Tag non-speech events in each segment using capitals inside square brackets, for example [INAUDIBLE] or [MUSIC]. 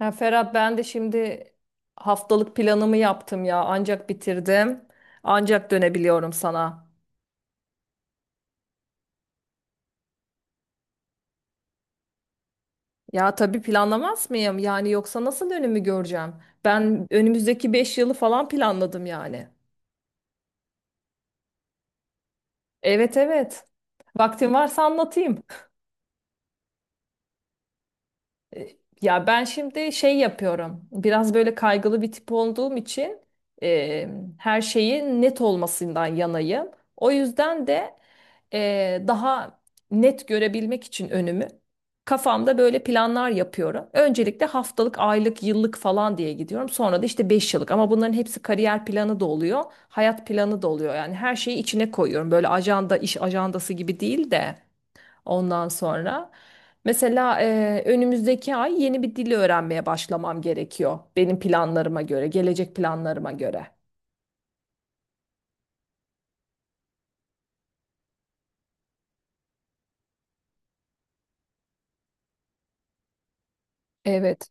Ya Ferhat ben de şimdi haftalık planımı yaptım ya. Ancak bitirdim. Ancak dönebiliyorum sana. Ya tabii planlamaz mıyım? Yani yoksa nasıl önümü göreceğim? Ben önümüzdeki 5 yılı falan planladım yani. Evet evet. Vaktin varsa anlatayım. E, Ya ben şimdi şey yapıyorum. Biraz böyle kaygılı bir tip olduğum için e, her şeyin net olmasından yanayım. O yüzden de daha net görebilmek için önümü kafamda böyle planlar yapıyorum. Öncelikle haftalık, aylık, yıllık falan diye gidiyorum. Sonra da işte 5 yıllık ama bunların hepsi kariyer planı da oluyor, hayat planı da oluyor. Yani her şeyi içine koyuyorum. Böyle ajanda, iş ajandası gibi değil de ondan sonra. Mesela önümüzdeki ay yeni bir dil öğrenmeye başlamam gerekiyor benim planlarıma göre, gelecek planlarıma göre. Evet.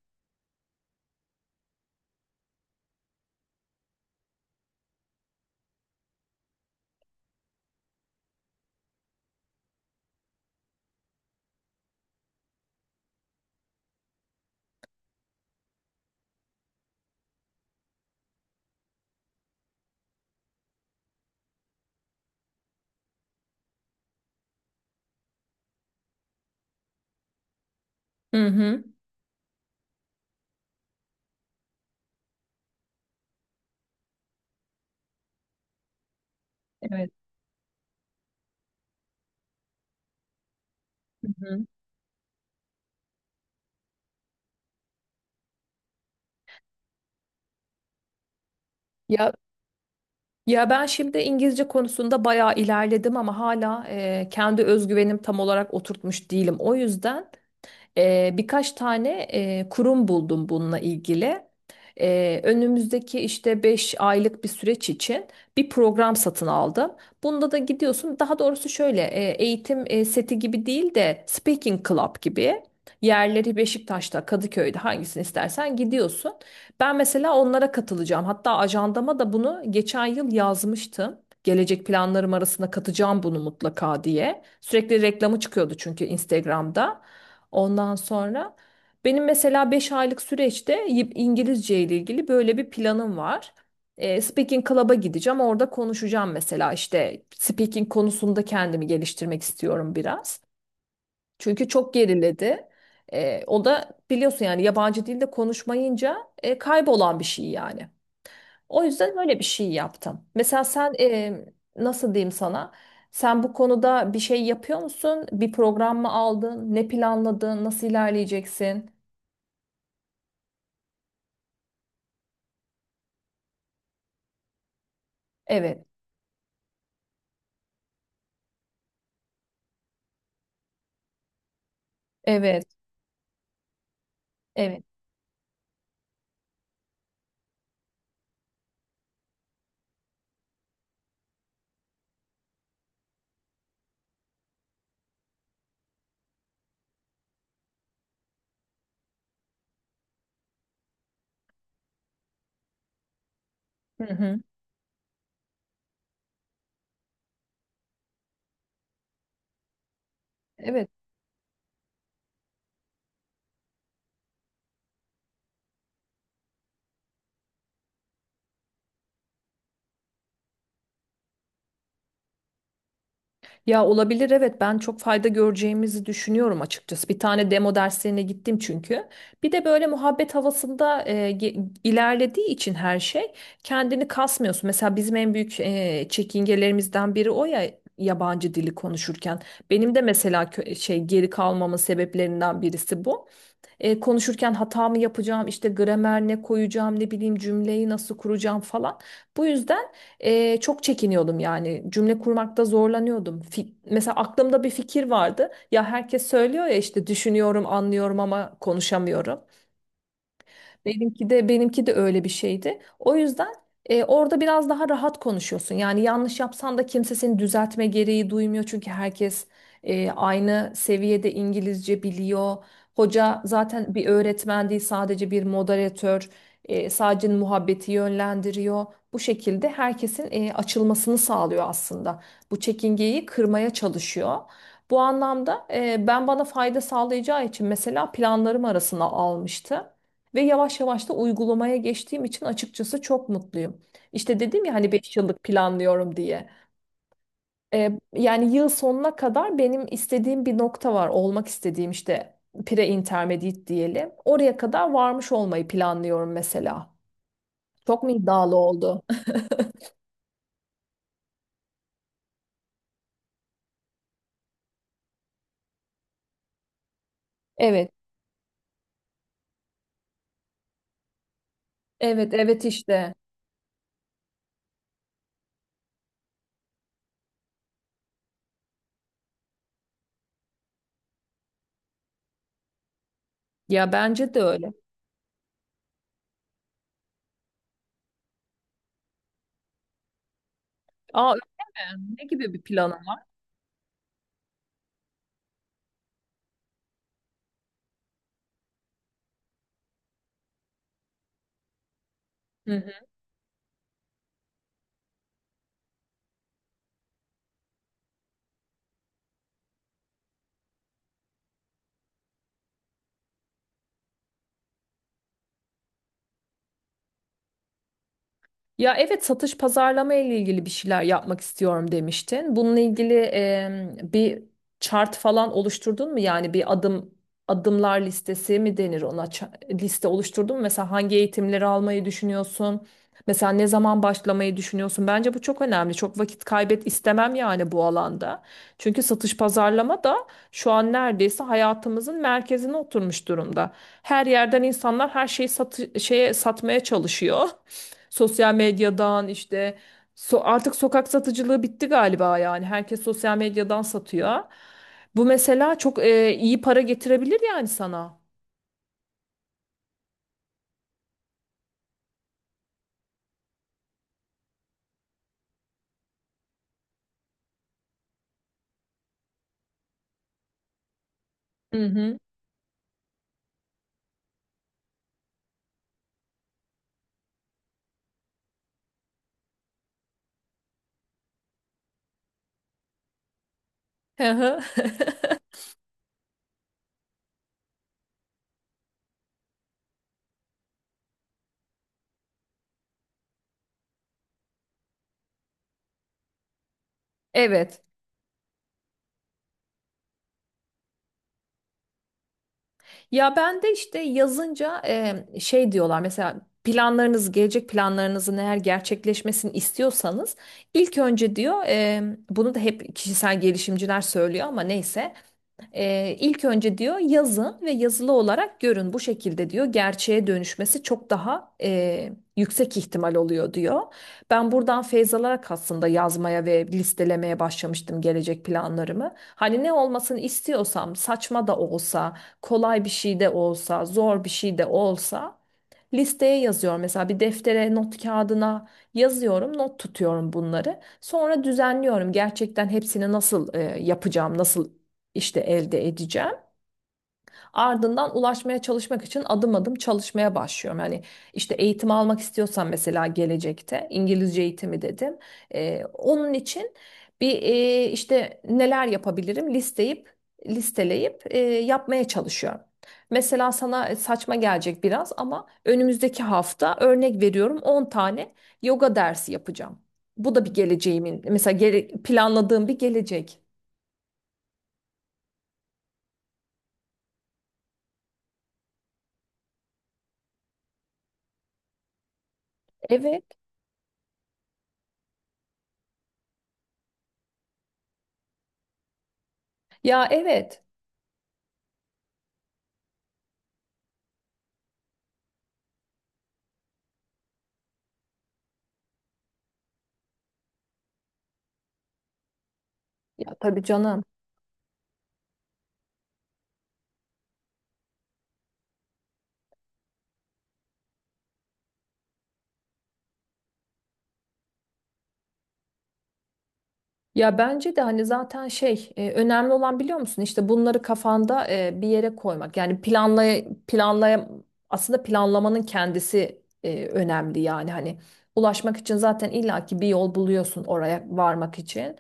Hı hı. Evet. Hı hı. Ya ya ben şimdi İngilizce konusunda bayağı ilerledim ama hala kendi özgüvenim tam olarak oturtmuş değilim. O yüzden birkaç tane kurum buldum bununla ilgili. Önümüzdeki işte 5 aylık bir süreç için bir program satın aldım. Bunda da gidiyorsun. Daha doğrusu şöyle eğitim seti gibi değil de Speaking Club gibi. Yerleri Beşiktaş'ta, Kadıköy'de hangisini istersen gidiyorsun. Ben mesela onlara katılacağım. Hatta ajandama da bunu geçen yıl yazmıştım. Gelecek planlarım arasında katacağım bunu mutlaka diye. Sürekli reklamı çıkıyordu çünkü Instagram'da. Ondan sonra benim mesela 5 aylık süreçte İngilizce ile ilgili böyle bir planım var. Speaking Club'a gideceğim. Orada konuşacağım mesela işte speaking konusunda kendimi geliştirmek istiyorum biraz. Çünkü çok geriledi. O da biliyorsun yani yabancı dilde konuşmayınca kaybolan bir şey yani. O yüzden böyle bir şey yaptım. Mesela sen nasıl diyeyim sana? Sen bu konuda bir şey yapıyor musun? Bir program mı aldın? Ne planladın? Nasıl ilerleyeceksin? Evet, evet, evet. Hı hı. Evet. Ya olabilir evet ben çok fayda göreceğimizi düşünüyorum açıkçası. Bir tane demo derslerine gittim çünkü. Bir de böyle muhabbet havasında ilerlediği için her şey kendini kasmıyorsun. Mesela bizim en büyük çekingelerimizden biri o ya yabancı dili konuşurken. Benim de mesela şey geri kalmamın sebeplerinden birisi bu. Konuşurken hata mı yapacağım, işte gramer ne koyacağım, ne bileyim cümleyi nasıl kuracağım falan. Bu yüzden çok çekiniyordum yani cümle kurmakta zorlanıyordum. Mesela aklımda bir fikir vardı. Ya herkes söylüyor ya işte düşünüyorum, anlıyorum ama konuşamıyorum. Benimki de benimki de öyle bir şeydi. O yüzden orada biraz daha rahat konuşuyorsun. Yani yanlış yapsan da kimse seni düzeltme gereği duymuyor. Çünkü herkes aynı seviyede İngilizce biliyor. Hoca zaten bir öğretmen değil sadece bir moderatör. Sadece muhabbeti yönlendiriyor. Bu şekilde herkesin açılmasını sağlıyor aslında. Bu çekingeyi kırmaya çalışıyor. Bu anlamda ben bana fayda sağlayacağı için mesela planlarım arasına almıştı. Ve yavaş yavaş da uygulamaya geçtiğim için açıkçası çok mutluyum. İşte dedim ya hani 5 yıllık planlıyorum diye. Yani yıl sonuna kadar benim istediğim bir nokta var. Olmak istediğim işte pre-intermediate diyelim. Oraya kadar varmış olmayı planlıyorum mesela. Çok mu iddialı oldu? [LAUGHS] Evet, evet, evet işte. Ya bence de öyle. Aa öyle mi? Ne gibi bir planım var? Ya evet satış pazarlama ile ilgili bir şeyler yapmak istiyorum demiştin. Bununla ilgili bir chart falan oluşturdun mu? Yani bir adımlar listesi mi denir ona? Liste oluşturdun mu? Mesela hangi eğitimleri almayı düşünüyorsun? Mesela ne zaman başlamayı düşünüyorsun? Bence bu çok önemli. Çok vakit kaybet istemem yani bu alanda. Çünkü satış pazarlama da şu an neredeyse hayatımızın merkezine oturmuş durumda. Her yerden insanlar her şeyi şeye satmaya çalışıyor. [LAUGHS] Sosyal medyadan işte artık sokak satıcılığı bitti galiba yani. Herkes sosyal medyadan satıyor. Bu mesela çok iyi para getirebilir yani sana. Hı hı. Hı hı. [LAUGHS] Evet. Ya ben de işte yazınca şey diyorlar mesela planlarınız gelecek planlarınızın eğer gerçekleşmesini istiyorsanız ilk önce diyor bunu da hep kişisel gelişimciler söylüyor ama neyse ilk önce diyor yazın ve yazılı olarak görün bu şekilde diyor gerçeğe dönüşmesi çok daha yüksek ihtimal oluyor diyor. Ben buradan feyz alarak aslında yazmaya ve listelemeye başlamıştım gelecek planlarımı. Hani ne olmasını istiyorsam saçma da olsa, kolay bir şey de olsa, zor bir şey de olsa listeye yazıyorum. Mesela bir deftere, not kağıdına yazıyorum, not tutuyorum bunları. Sonra düzenliyorum. Gerçekten hepsini nasıl yapacağım, nasıl işte elde edeceğim. Ardından ulaşmaya çalışmak için adım adım çalışmaya başlıyorum. Hani işte eğitim almak istiyorsan mesela gelecekte İngilizce eğitimi dedim. Onun için bir işte neler yapabilirim listeleyip yapmaya çalışıyorum. Mesela sana saçma gelecek biraz ama önümüzdeki hafta örnek veriyorum 10 tane yoga dersi yapacağım. Bu da bir geleceğimin mesela planladığım bir gelecek. Evet. Ya evet. Ya tabii canım. Ya bence de hani zaten şey önemli olan biliyor musun işte bunları kafanda bir yere koymak yani planlay planlay aslında planlamanın kendisi önemli yani hani ulaşmak için zaten illaki bir yol buluyorsun oraya varmak için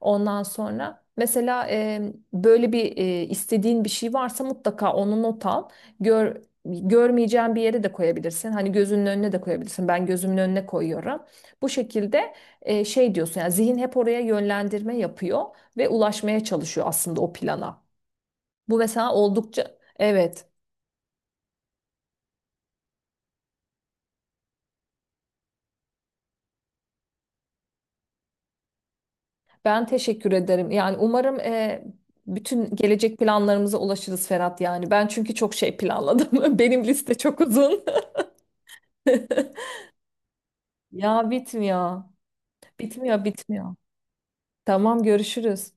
ondan sonra mesela böyle bir istediğin bir şey varsa mutlaka onu not al gör görmeyeceğin bir yere de koyabilirsin hani gözünün önüne de koyabilirsin ben gözümün önüne koyuyorum bu şekilde şey diyorsun yani zihin hep oraya yönlendirme yapıyor ve ulaşmaya çalışıyor aslında o plana. Bu mesela oldukça, evet, ben teşekkür ederim. Yani umarım bütün gelecek planlarımıza ulaşırız Ferhat yani. Ben çünkü çok şey planladım. [LAUGHS] Benim liste çok uzun. [LAUGHS] Ya bitmiyor. Bitmiyor, bitmiyor. Tamam görüşürüz.